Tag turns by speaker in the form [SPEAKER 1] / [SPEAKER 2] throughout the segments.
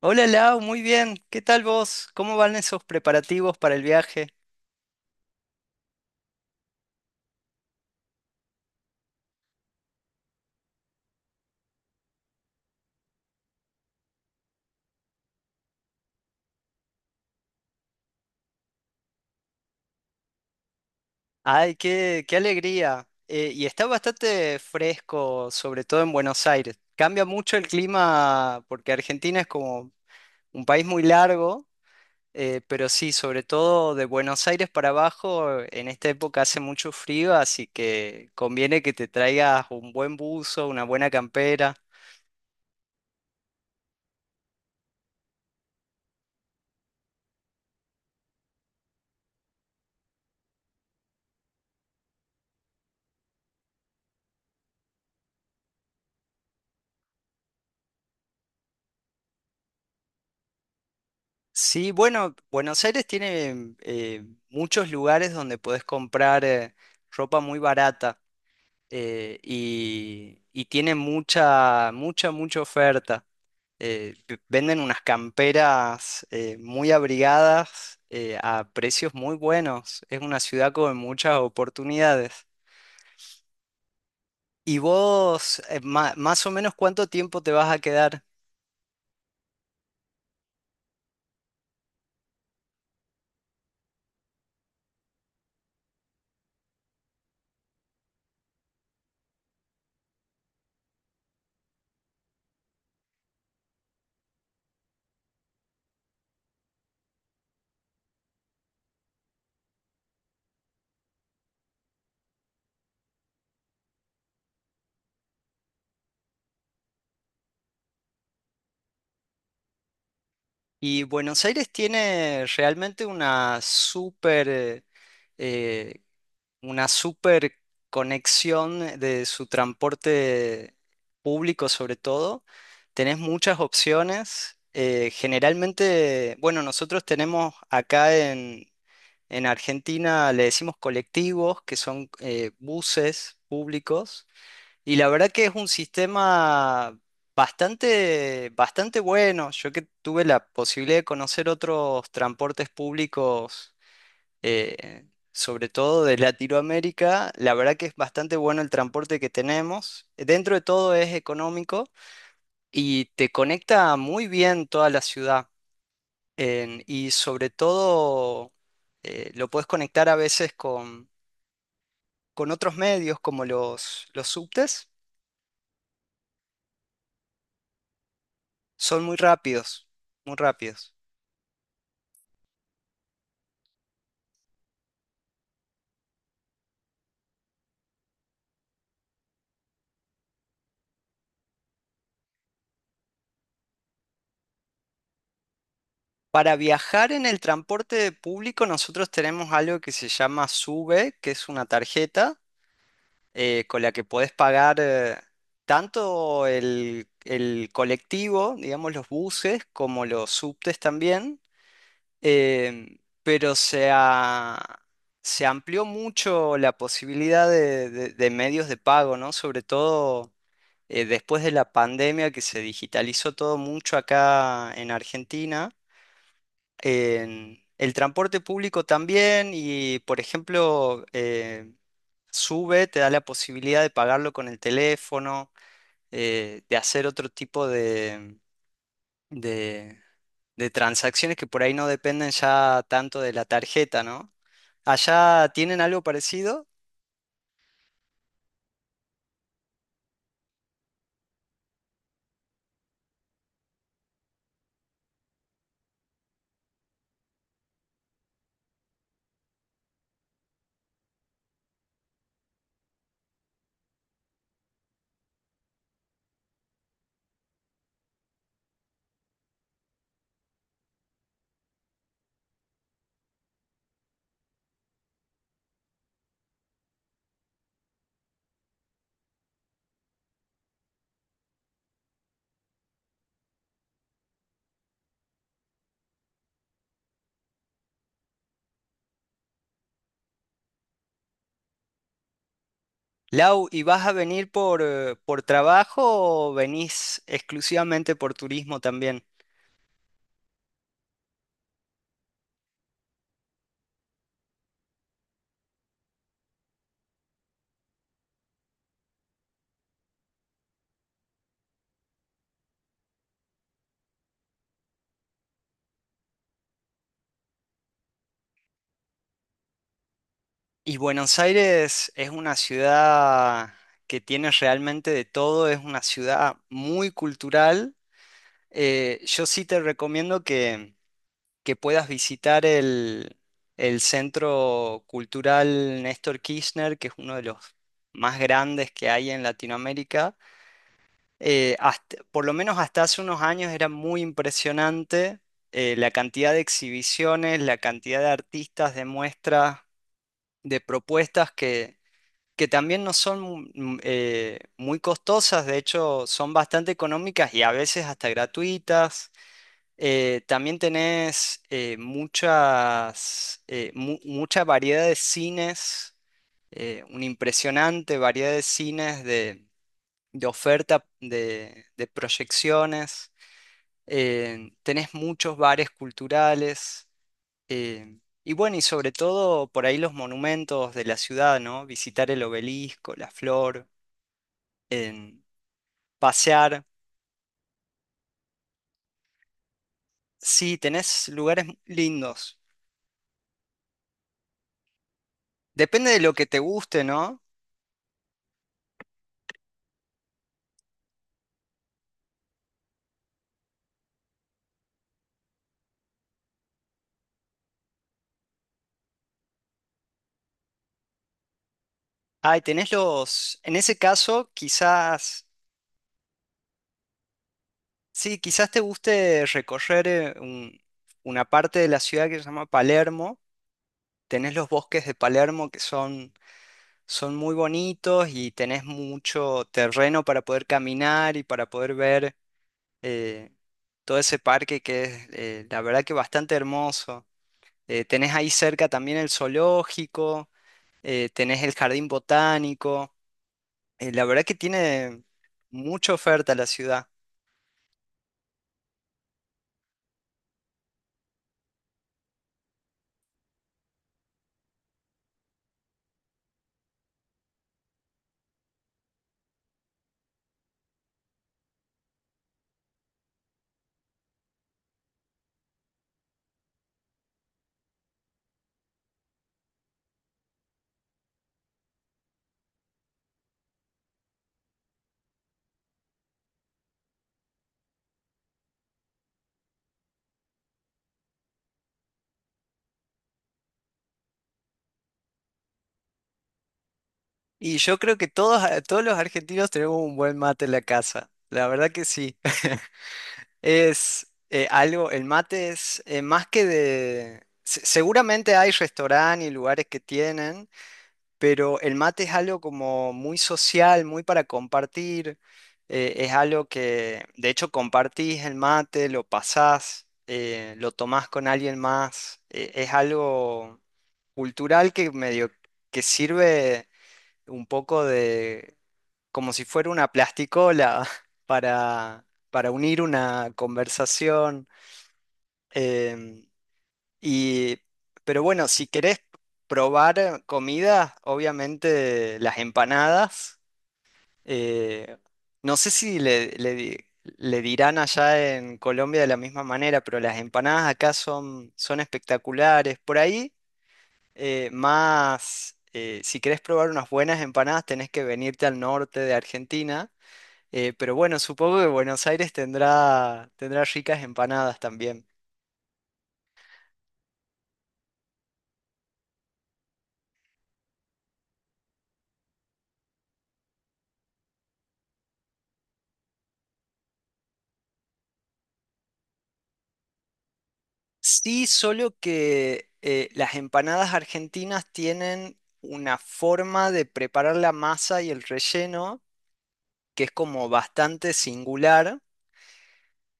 [SPEAKER 1] Hola Lau, muy bien. ¿Qué tal vos? ¿Cómo van esos preparativos para el viaje? Ay, qué alegría. Y está bastante fresco, sobre todo en Buenos Aires. Cambia mucho el clima porque Argentina es como un país muy largo, pero sí, sobre todo de Buenos Aires para abajo, en esta época hace mucho frío, así que conviene que te traigas un buen buzo, una buena campera. Sí, bueno, Buenos Aires tiene muchos lugares donde podés comprar ropa muy barata y tiene mucha oferta. Venden unas camperas muy abrigadas a precios muy buenos. Es una ciudad con muchas oportunidades. ¿Y vos, más o menos cuánto tiempo te vas a quedar? Y Buenos Aires tiene realmente una eh, super conexión de su transporte público sobre todo. Tenés muchas opciones. Generalmente, bueno, nosotros tenemos acá en Argentina, le decimos colectivos, que son buses públicos, y la verdad que es un sistema bastante bueno. Yo que tuve la posibilidad de conocer otros transportes públicos eh, sobre todo de Latinoamérica, la verdad que es bastante bueno el transporte que tenemos. Dentro de todo es económico y te conecta muy bien toda la ciudad. Y sobre todo lo puedes conectar a veces con otros medios como los subtes. Son muy rápidos, muy rápidos. Para viajar en el transporte público nosotros tenemos algo que se llama SUBE, que es una tarjeta con la que podés pagar tanto el colectivo, digamos los buses, como los subtes también, em, pero se, a- se amplió mucho la posibilidad de medios de pago, ¿no? Sobre todo después de la pandemia que se digitalizó todo mucho acá en Argentina en el transporte público también y, por ejemplo, Sube te da la posibilidad de pagarlo con el teléfono, de hacer otro tipo de- de transacciones que por ahí no dependen ya tanto de la tarjeta, ¿no? ¿Allá tienen algo parecido? Lau, ¿y vas a venir por trabajo o venís exclusivamente por turismo también? Y Buenos Aires es una ciudad que tiene realmente de todo, es una ciudad muy cultural. Yo sí te recomiendo que puedas visitar el Centro Cultural Néstor Kirchner, que es uno de los más grandes que hay en Latinoamérica. Por lo menos hasta hace unos años era muy impresionante la cantidad de exhibiciones, la cantidad de artistas, de muestras, de propuestas que también no son muy costosas, de hecho son bastante económicas y a veces hasta gratuitas. También tenés mucha variedad de cines, una impresionante variedad de cines de oferta de proyecciones. Tenés muchos bares culturales. Y bueno, y sobre todo por ahí los monumentos de la ciudad, ¿no? Visitar el obelisco, la flor en pasear. Sí, tenés lugares lindos. Depende de lo que te guste, ¿no? Ay, tenés los... En ese caso, quizás... Sí, quizás te guste recorrer una parte de la ciudad que se llama Palermo. Tenés los bosques de Palermo que son, son muy bonitos y tenés mucho terreno para poder caminar y para poder ver eh, todo ese parque que es, la verdad que bastante hermoso. Tenés ahí cerca también el zoológico, tenés el jardín botánico. La verdad que tiene mucha oferta la ciudad. Y yo creo que todos los argentinos tenemos un buen mate en la casa. La verdad que sí. Es algo, el mate es más que de... Seguramente hay restaurantes y lugares que tienen, pero el mate es algo como muy social, muy para compartir, es algo que de hecho compartís el mate, lo pasás, lo tomás con alguien más, es algo cultural que medio que sirve un poco de como si fuera una plasticola para, para unir una conversación. Em, y, pero bueno, si querés probar comida, obviamente las empanadas. eh, no sé si le dirán allá en Colombia de la misma manera, pero las empanadas acá son, son espectaculares. Por ahí, si querés probar unas buenas empanadas, tenés que venirte al norte de Argentina. Pero bueno, supongo que Buenos Aires tendrá, tendrá ricas empanadas también. Sí, solo que las empanadas argentinas tienen una forma de preparar la masa y el relleno que es como bastante singular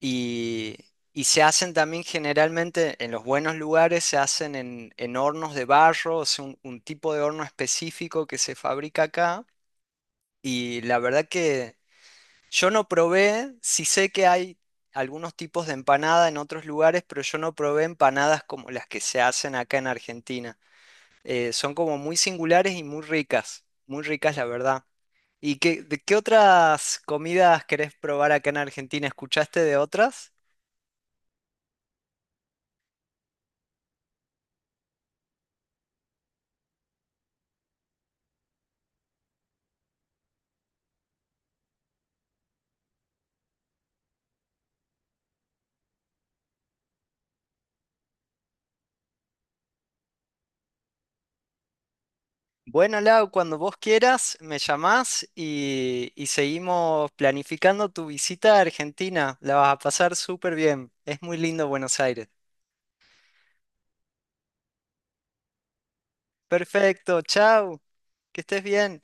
[SPEAKER 1] y, y se hacen también generalmente en los buenos lugares, se hacen en hornos de barro, es un tipo de horno específico que se fabrica acá y la verdad que... Yo no probé, sí sé que hay algunos tipos de empanada en otros lugares, pero yo no probé empanadas como las que se hacen acá en Argentina. Son como muy singulares y muy ricas la verdad. ¿Y de qué otras comidas querés probar acá en Argentina? ¿Escuchaste de otras? Bueno, Lau, cuando vos quieras, me llamás y seguimos planificando tu visita a Argentina. La vas a pasar súper bien. Es muy lindo Buenos Aires. Perfecto, chao, que estés bien.